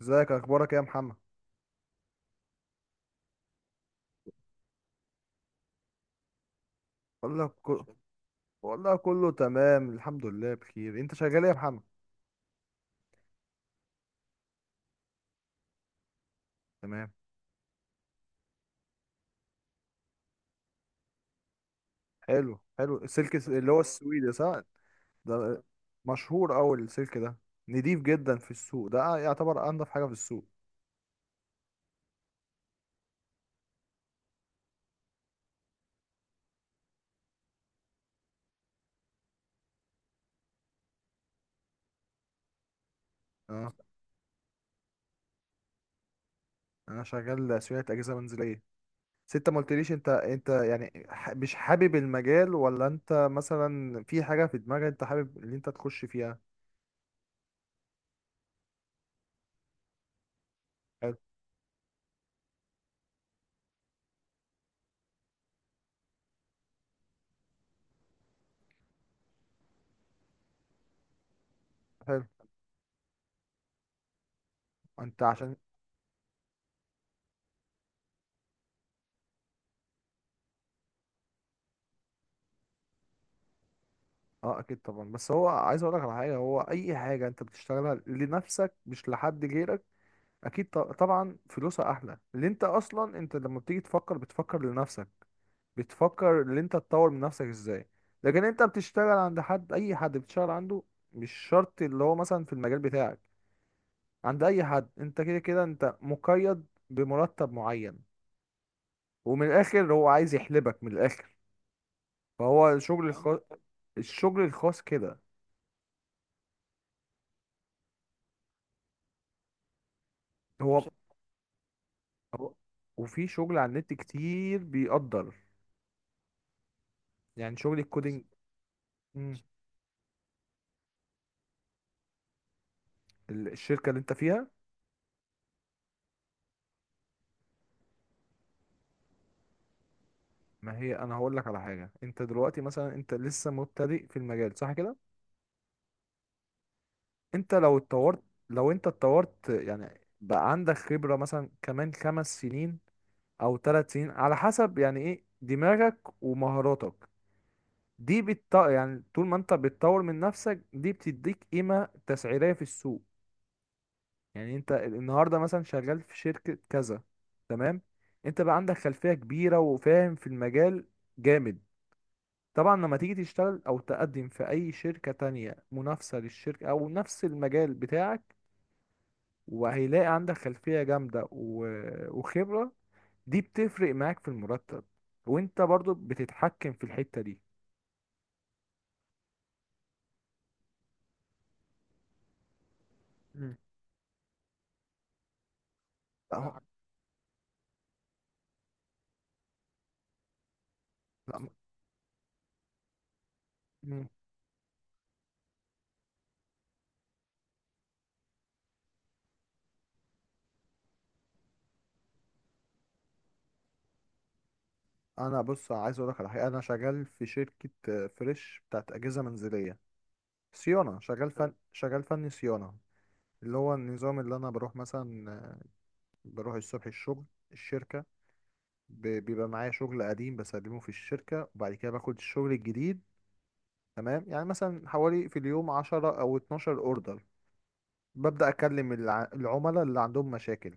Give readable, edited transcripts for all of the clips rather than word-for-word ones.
ازيك اخبارك إيه يا محمد؟ بقول لك كل... بقول لك كله تمام، الحمد لله بخير. انت شغال ايه يا محمد؟ تمام. حلو، حلو. اللي هو السويدي، صح؟ ده مشهور اوي السلك ده. نضيف جدا في السوق، ده يعتبر انضف حاجه في السوق. اه. انا شغال صيانه اجهزه منزليه. بس انت ما قلتليش، انت يعني مش حابب المجال، ولا انت مثلا في حاجه في دماغك انت حابب اللي انت تخش فيها؟ حلو حلو. انت عشان. اه، اكيد طبعا. بس هو عايز اقول لك على حاجه، هو اي حاجه انت بتشتغلها لنفسك مش لحد غيرك. اكيد طبعا، فلوسها احلى، اللي انت اصلا انت لما بتيجي تفكر بتفكر لنفسك. بتفكر ان انت تطور من نفسك ازاي. لكن انت بتشتغل عند حد، اي حد بتشتغل عنده. مش شرط اللي هو مثلا في المجال بتاعك. عند اي حد انت كده كده انت مقيد بمرتب معين. ومن الاخر هو عايز يحلبك من الاخر. فهو الشغل الخاص. الشغل الخاص كده. هو هو- وفي شغل على النت كتير بيقدر. يعني شغل الكودينج. مم. الشركة اللي انت فيها. ما هي انا هقول لك على حاجة، انت دلوقتي مثلا انت لسه مبتدئ في المجال، صح كده؟ انت لو اتطورت. لو انت اتطورت يعني بقى عندك خبرة مثلا كمان 5 سنين. او 3 سنين، على حسب يعني ايه دماغك. ومهاراتك. يعني طول ما انت بتطور من نفسك دي بتديك قيمة تسعيرية في السوق. يعني انت النهارده مثلا شغال في شركة كذا. تمام. انت بقى عندك خلفية كبيرة وفاهم في المجال. جامد. طبعا لما تيجي تشتغل او تقدم في اي شركة تانية منافسة للشركة او نفس المجال بتاعك. وهيلاقي عندك خلفية جامدة و- وخبرة. دي بتفرق معاك في المرتب. وانت برضو بتتحكم في الحتة دي. مم. لا، ده هو حاجة. لا. مم. انا بص عايز اقول لك على حاجة، انا شغال في شركة فريش بتاعت اجهزة منزلية. صيانة، شغال فني صيانة. اللي هو النظام اللي أنا بروح مثلا. بروح الصبح الشغل. الشركة. بيبقى معايا شغل قديم بسلمه في الشركة وبعد كده باخد الشغل الجديد. تمام، يعني مثلا حوالي في اليوم 10 أو 12 أوردر. ببدأ أكلم العملاء اللي عندهم مشاكل.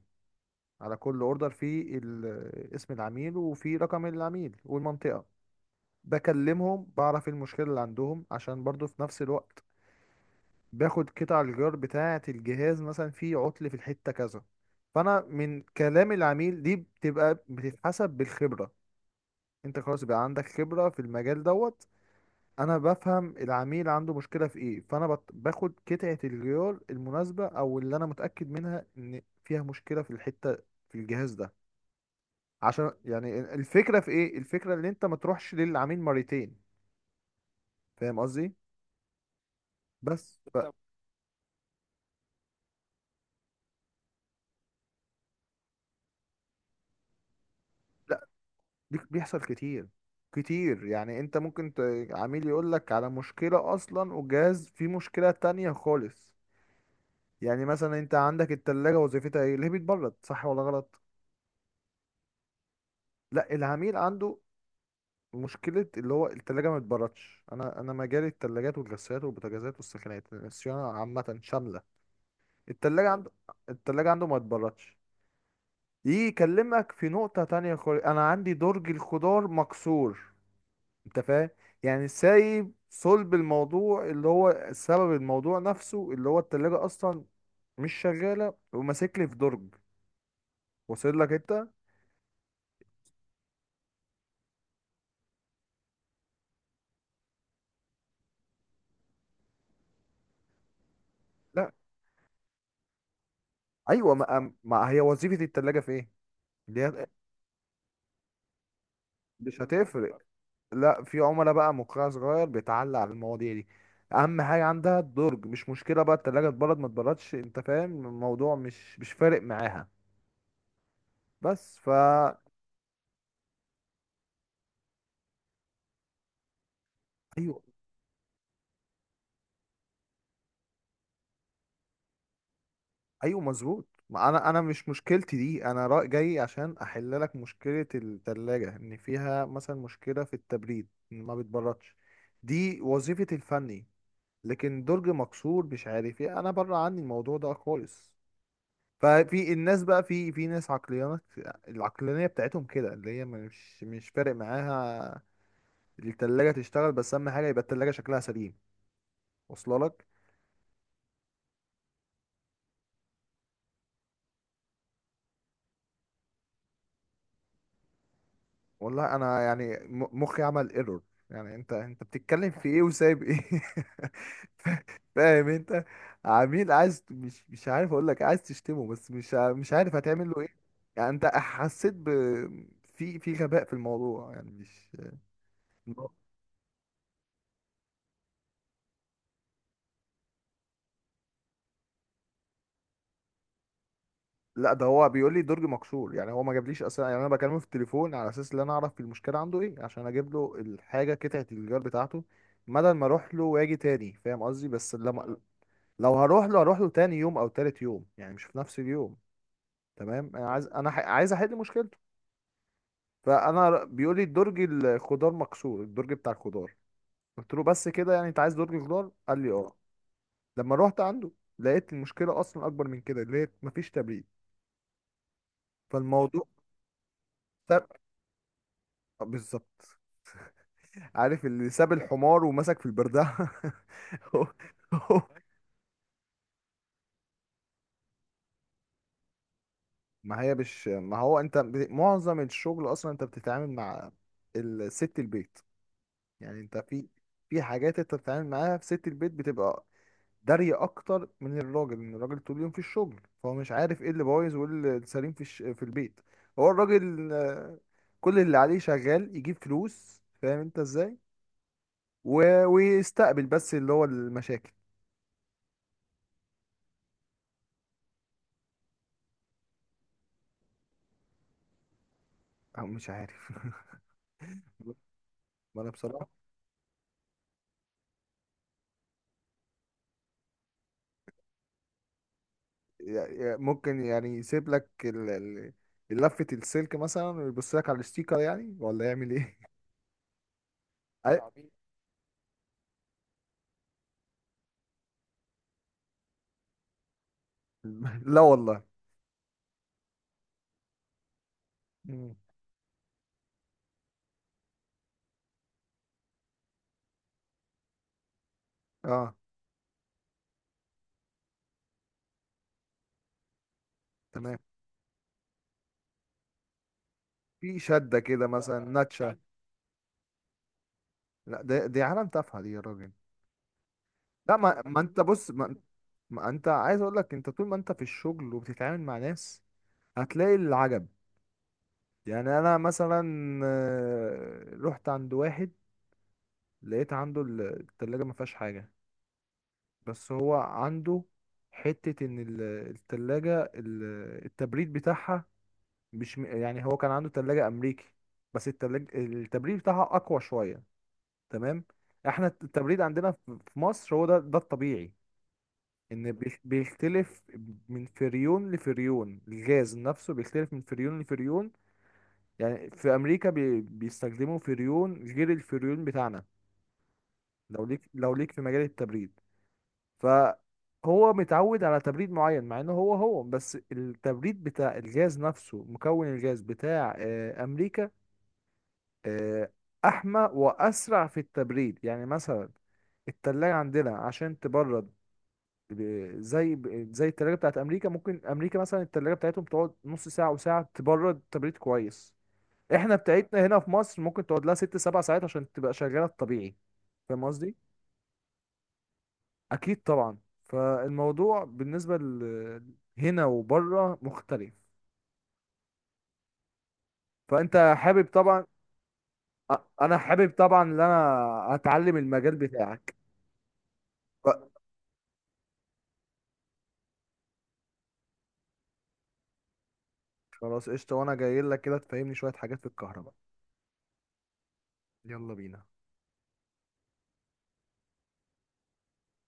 على كل أوردر فيه اسم العميل وفيه رقم العميل والمنطقة. بكلمهم بعرف إيه المشكلة اللي عندهم عشان برضو في نفس الوقت. باخد قطع الغيار بتاعة الجهاز، مثلا في عطل في الحتة كذا. فأنا من كلام العميل دي بتبقى بتتحسب بالخبرة. انت خلاص بقى عندك خبرة في المجال دوت. انا بفهم العميل عنده مشكلة في ايه، فانا باخد قطعة الغيار المناسبة او اللي انا متأكد منها ان فيها مشكلة في الحتة. في الجهاز ده. عشان يعني الفكرة في ايه، الفكرة ان انت ما تروحش للعميل مرتين. فاهم قصدي؟ طب. دي بيحصل كتير. كتير، يعني انت ممكن. عميل يقول لك على مشكلة اصلا، وجهاز فيه مشكلة تانية خالص. يعني مثلا انت عندك التلاجة، وظيفتها ايه؟ اللي هي بتبرد، صح ولا غلط؟ لا، العميل عنده. مشكلة اللي هو التلاجة ما بتبردش. انا مجالي التلاجات والغسالات والبوتاجازات والسخانات، الصيانة عامة شاملة. التلاجة عنده. التلاجة عنده ما بتبردش. يجي يكلمك في نقطة تانية خالص، انا عندي درج الخضار مكسور. انت فاهم؟ يعني سايب صلب الموضوع اللي هو سبب الموضوع نفسه اللي هو التلاجة اصلا. مش شغالة وماسك لي في درج. واصل لك انت؟ لا. ايوه، ما هي وظيفة التلاجة في ايه؟ اللي هي. مش هتفرق. لا، في عملاء بقى مقرع صغير بيتعلق على المواضيع دي. اهم حاجة عندها الدرج، مش مشكلة بقى التلاجة اتبرد ما اتبردش، انت فاهم الموضوع مش فارق معاها. بس فا ايوه، ايوه مظبوط. ما انا مش مشكلتي دي. انا رأي جاي عشان احل لك مشكله الثلاجه، ان فيها مثلا مشكله في التبريد، إن ما بتبردش. دي وظيفه الفني. لكن درج مكسور مش عارف ايه، انا بره عني الموضوع ده خالص. ففي الناس بقى في ناس عقليات. العقلانيه بتاعتهم كده اللي هي مش فارق معاها. التلاجة تشتغل، بس اهم حاجه يبقى التلاجة شكلها سليم. واصله لك؟ والله انا يعني مخي عمل ايرور. يعني انت بتتكلم في ايه وسايب ايه؟ ف- فاهم انت؟ عميل عايز مش عارف اقول لك عايز تشتمه بس مش عارف هتعمل له ايه. يعني انت حسيت ب. في غباء في الموضوع، يعني مش. لا ده هو بيقول لي درج مكسور، يعني هو ما جابليش اصلا، يعني انا بكلمه في التليفون على اساس ان انا اعرف المشكله عنده ايه عشان اجيب له الحاجه قطعه الجوار بتاعته. بدل ما اروح له واجي تاني، فاهم قصدي، بس لما. لو هروح له تاني يوم او تالت يوم يعني مش في نفس اليوم. تمام، انا عايز عايز احل مشكلته. فانا بيقول لي الدرج الخضار مكسور، الدرج بتاع الخضار. قلت له بس كده، يعني انت عايز درج خضار؟ قال لي اه. لما روحت عنده. لقيت المشكله اصلا اكبر من كده، لقيت مفيش تبريد. فالموضوع ساب. آه، بالظبط. عارف اللي ساب الحمار ومسك في البردعه؟ هو- هو- ما هي مش، ما هو انت معظم الشغل اصلا انت بتتعامل مع. الست البيت. يعني انت في. في حاجات انت بتتعامل معاها في ست البيت بتبقى. دارية اكتر من الراجل، ان الراجل طول اليوم في الشغل فهو مش عارف ايه اللي بايظ وايه اللي سليم في البيت. هو الراجل كل اللي عليه شغال يجيب فلوس، فاهم انت ازاي. ويستقبل بس اللي هو المشاكل. او مش عارف. ما انا بصراحة. ممكن يعني يسيب لك لفة السلك مثلا، ويبص لك على الستيكر، يعني ولا يعمل ايه. أي- لا والله. مم. اه. تمام. في شدة كده مثلا ناتشا. لا، دي عالم تافهة دي يا راجل. لا، ما انت بص، ما انت عايز اقول لك انت طول ما انت في الشغل وبتتعامل مع ناس. هتلاقي العجب. يعني انا مثلا. رحت عند واحد. لقيت عنده التلاجة ما فيهاش حاجة. بس هو عنده. حتة ان التلاجة التبريد بتاعها. مش يعني هو كان عنده تلاجة امريكي. بس التلاجة التبريد بتاعها اقوى شوية. تمام. احنا التبريد عندنا في مصر، هو ده ده الطبيعي. ان بيختلف. من فريون لفريون، الغاز نفسه بيختلف من فريون لفريون. يعني في امريكا بيستخدموا فريون غير الفريون بتاعنا. لو ليك في مجال التبريد. فهو متعود على تبريد معين، مع انه هو بس التبريد بتاع الغاز نفسه مكون الغاز بتاع امريكا. آه، احمى واسرع في التبريد، يعني مثلا. التلاجة عندنا عشان تبرد. زي التلاجة بتاعت أمريكا، ممكن أمريكا مثلا التلاجة بتاعتهم تقعد نص ساعة وساعة تبرد تبريد كويس. إحنا بتاعتنا هنا في مصر ممكن تقعد لها 6 7 ساعات عشان تبقى شغالة الطبيعي. فاهم قصدي؟ أكيد طبعا. فالموضوع بالنسبة هنا وبره مختلف. فأنت حابب طبعا. أ- أنا حابب طبعا إن أنا أتعلم المجال بتاعك. ف- خلاص قشطة، وأنا جاي لك كده تفهمني شوية حاجات في الكهرباء. يلا بينا.